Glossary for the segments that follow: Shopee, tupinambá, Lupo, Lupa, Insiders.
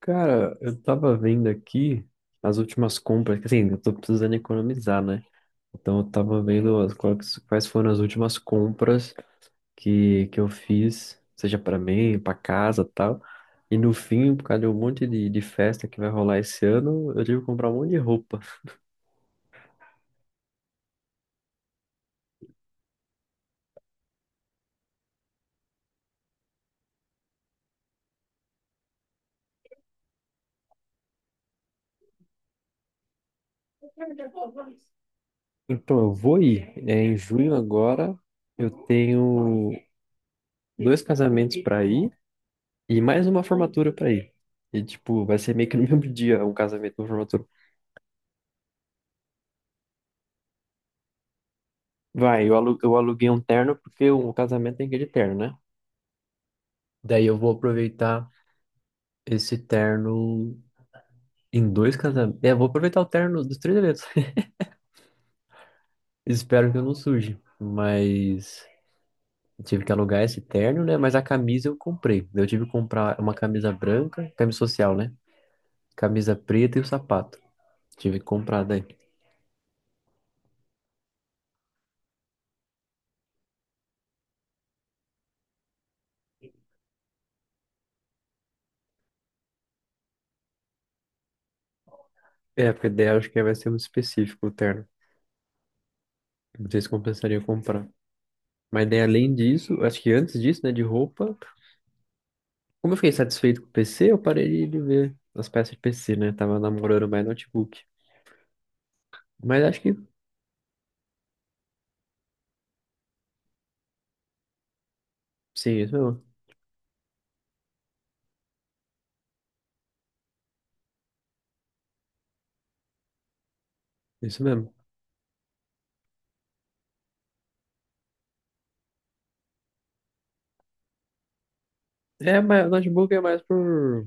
Cara, eu tava vendo aqui as últimas compras, que, assim, eu tô precisando economizar, né? Então eu tava vendo as- quais foram as últimas compras que eu fiz, seja pra mim, pra casa, tal. E no fim, por causa de um monte de festa que vai rolar esse ano, eu tive que comprar um monte de roupa. Então eu vou ir. É, em junho agora, eu tenho dois casamentos pra ir e mais uma formatura pra ir. E, tipo, vai ser meio que no mesmo dia, um casamento, e uma formatura. Vai, eu aluguei um terno porque o casamento tem que ir de terno, né? Daí eu vou aproveitar esse terno em dois casamentos. É, eu vou aproveitar o terno dos três eventos. Espero que eu não suje. Mas tive que alugar esse terno, né? Mas a camisa eu comprei. Eu tive que comprar uma camisa branca, camisa social, né? Camisa preta e o sapato. Tive que comprar daí. É, porque daí eu acho que vai ser muito específico o terno. Não sei se compensaria comprar. Mas daí, além disso, acho que antes disso, né, de roupa. Como eu fiquei satisfeito com o PC, eu parei de ver as peças de PC, né? Tava namorando mais notebook. Mas acho que sim, isso mesmo. Isso mesmo. É, mas o notebook é mais por.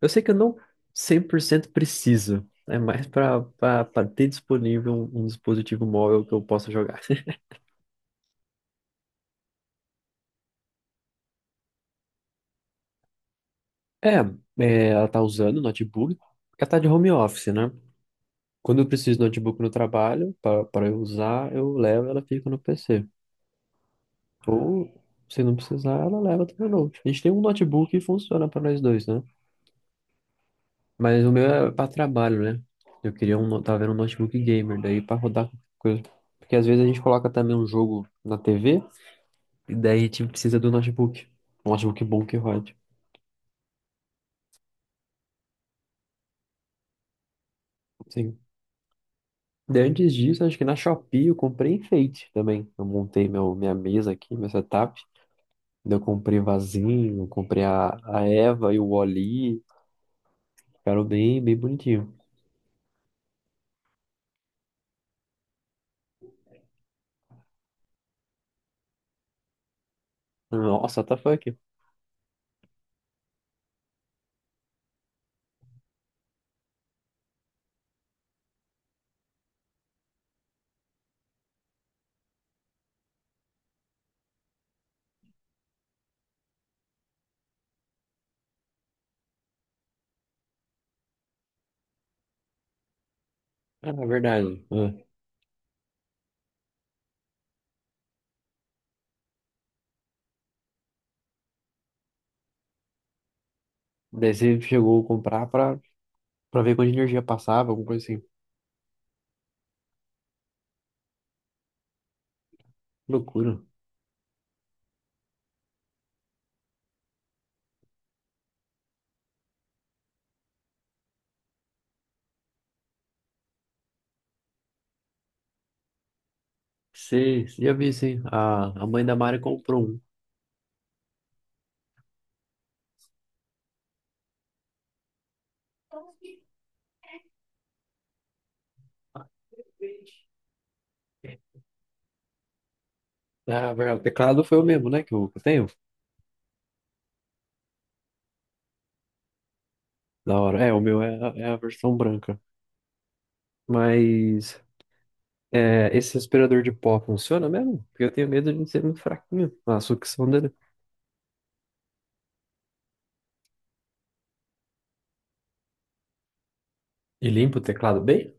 Eu sei que eu não 100% preciso. É mais pra, pra ter disponível um, um dispositivo móvel que eu possa jogar. É, é, ela tá usando o notebook, porque ela tá de home office, né? Quando eu preciso de notebook no trabalho, para eu usar, eu levo e ela fica no PC. Ou, se não precisar, ela leva também o note. A gente tem um notebook que funciona para nós dois, né? Mas o meu é para trabalho, né? Eu queria um, tava vendo um notebook gamer, daí para rodar qualquer coisa. Porque às vezes a gente coloca também um jogo na TV, e daí a gente precisa do notebook. Um notebook bom que rode. Sim. Daí antes disso, acho que na Shopee eu comprei enfeite também. Eu montei minha mesa aqui, meu setup. Daí eu comprei vasinho, comprei a Eva e o Oli. Ficaram bem, bem bonitinho. Nossa, what the fuck? É, na verdade. É. Daí você chegou a comprar pra ver quanta energia passava, alguma coisa assim. Loucura. Você já viu isso? A mãe da Mari comprou um. É, na verdade, o teclado foi o mesmo, né? Que eu tenho. Da hora. É, o meu é, é a versão branca. Mas é, esse aspirador de pó funciona mesmo? Porque eu tenho medo de ser muito fraquinho. Ah, a sucção dele. E limpa o teclado bem?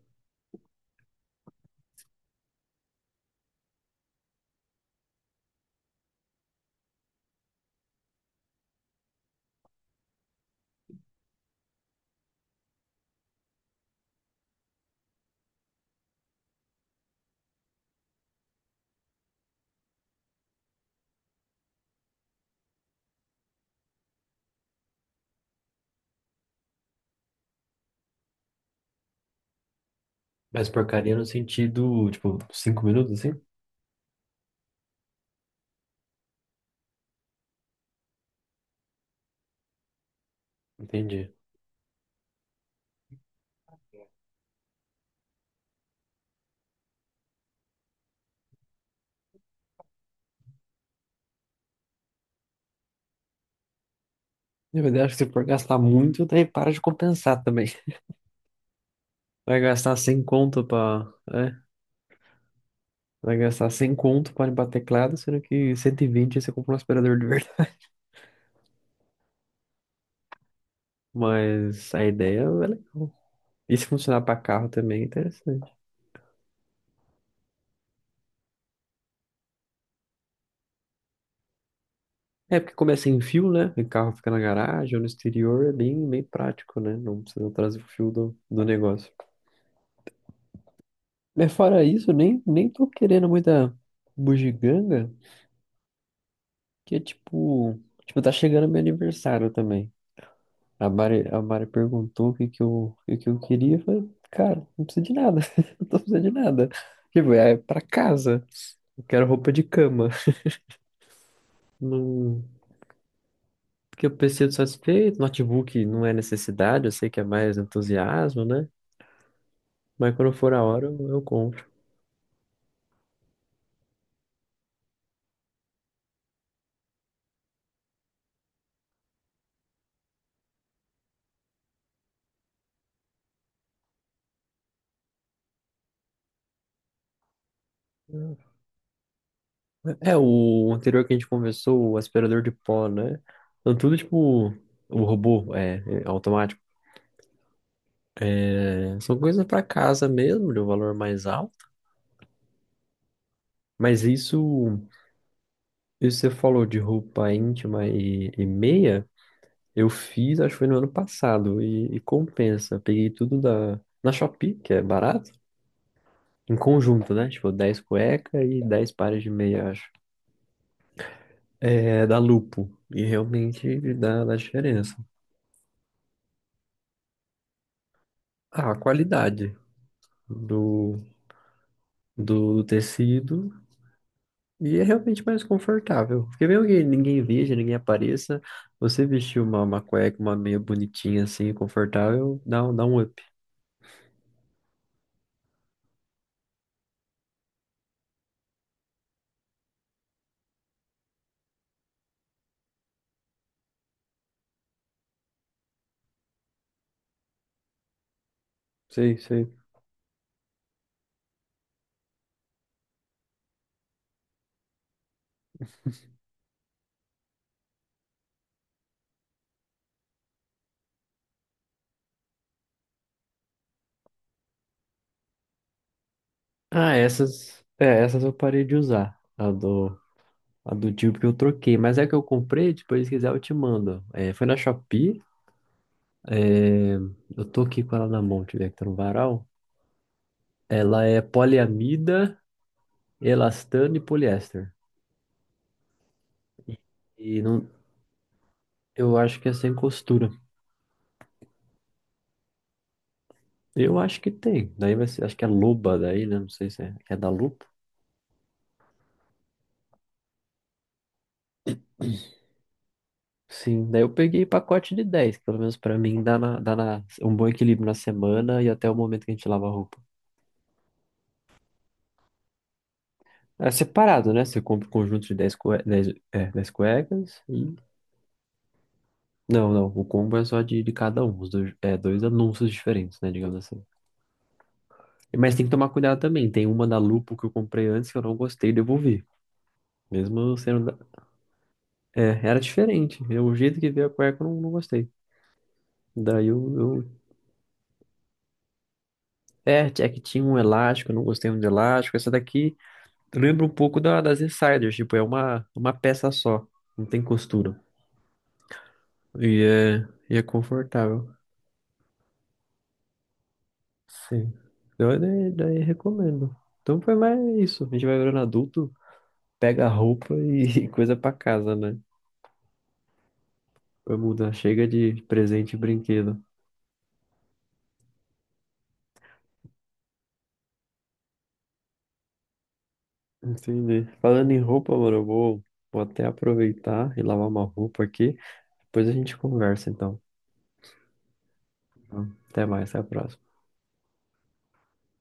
Mas porcaria no sentido, tipo, cinco minutos assim? Entendi. Na verdade, acho que se for gastar muito, daí para de compensar também. Vai gastar 100 conto pra. É, vai gastar 100 conto para limpar teclado, sendo que 120 você compra um aspirador de verdade. Mas a ideia é legal. E se funcionar para carro também é interessante. É porque começa em fio, né? O carro fica na garagem ou no exterior, é bem, bem prático, né? Não precisa trazer o fio do negócio. Mas fora isso, eu nem, nem tô querendo muita bugiganga, que é tipo, tá chegando meu aniversário também. A Mari perguntou o que que eu queria. Eu falei, cara, não precisa de nada. Não tô precisando de nada. Tipo, é pra casa. Eu quero roupa de cama. Não... Porque eu pensei satisfeito. Notebook não é necessidade. Eu sei que é mais entusiasmo, né? Mas quando for a hora, eu compro. É, o anterior que a gente conversou, o aspirador de pó, né? Então, tudo tipo o robô, é automático. É, são coisas pra casa mesmo, de um valor mais alto. Mas isso. E você falou de roupa íntima e meia, eu fiz, acho que foi no ano passado, e compensa. Peguei tudo na Shopee, que é barato, em conjunto, né? Tipo, 10 cueca e 10 pares de meia, acho. É da Lupo, e realmente dá diferença. Ah, a qualidade do, do tecido, e é realmente mais confortável. Porque mesmo que ninguém veja, ninguém apareça, você vestir uma cueca, uma meia bonitinha assim, confortável, dá um up. Sei, sei. Ah, essas eu parei de usar. A do tipo que eu troquei. Mas é que eu comprei, depois se quiser eu te mando. É, foi na Shopee. É, eu tô aqui com ela na mão, tiver que tá no varal. Ela é poliamida, elastano e poliéster. E não, eu acho que é sem costura. Eu acho que tem. Daí vai ser, acho que é Luba daí, né? Não sei se é da Lupa. Sim, daí eu peguei pacote de dez, que pelo menos pra mim dá, dá na, um bom equilíbrio na semana e até o momento que a gente lava a roupa. É separado, né? Você compra o conjunto de 10 cue... 10 é, 10 cuecas e. Não, não. O combo é só de cada um. Os dois, é, dois anúncios diferentes, né? Digamos assim. Mas tem que tomar cuidado também. Tem uma da Lupo que eu comprei antes que eu não gostei e devolvi. Mesmo sendo. É, era diferente. Eu, o jeito que veio a cueca eu não gostei. Daí eu, eu- É, é que tinha um elástico, eu não gostei muito de elástico. Essa daqui lembra um pouco das Insiders. Tipo, é uma peça só. Não tem costura. E é, e é confortável. Sim. Eu daí recomendo. Então foi mais isso. A gente vai virando adulto, pega a roupa e coisa pra casa, né? Vai mudar. Chega de presente e brinquedo. Entendi. Falando em roupa, mano, vou até aproveitar e lavar uma roupa aqui. Depois a gente conversa, então. Até mais, até a próxima.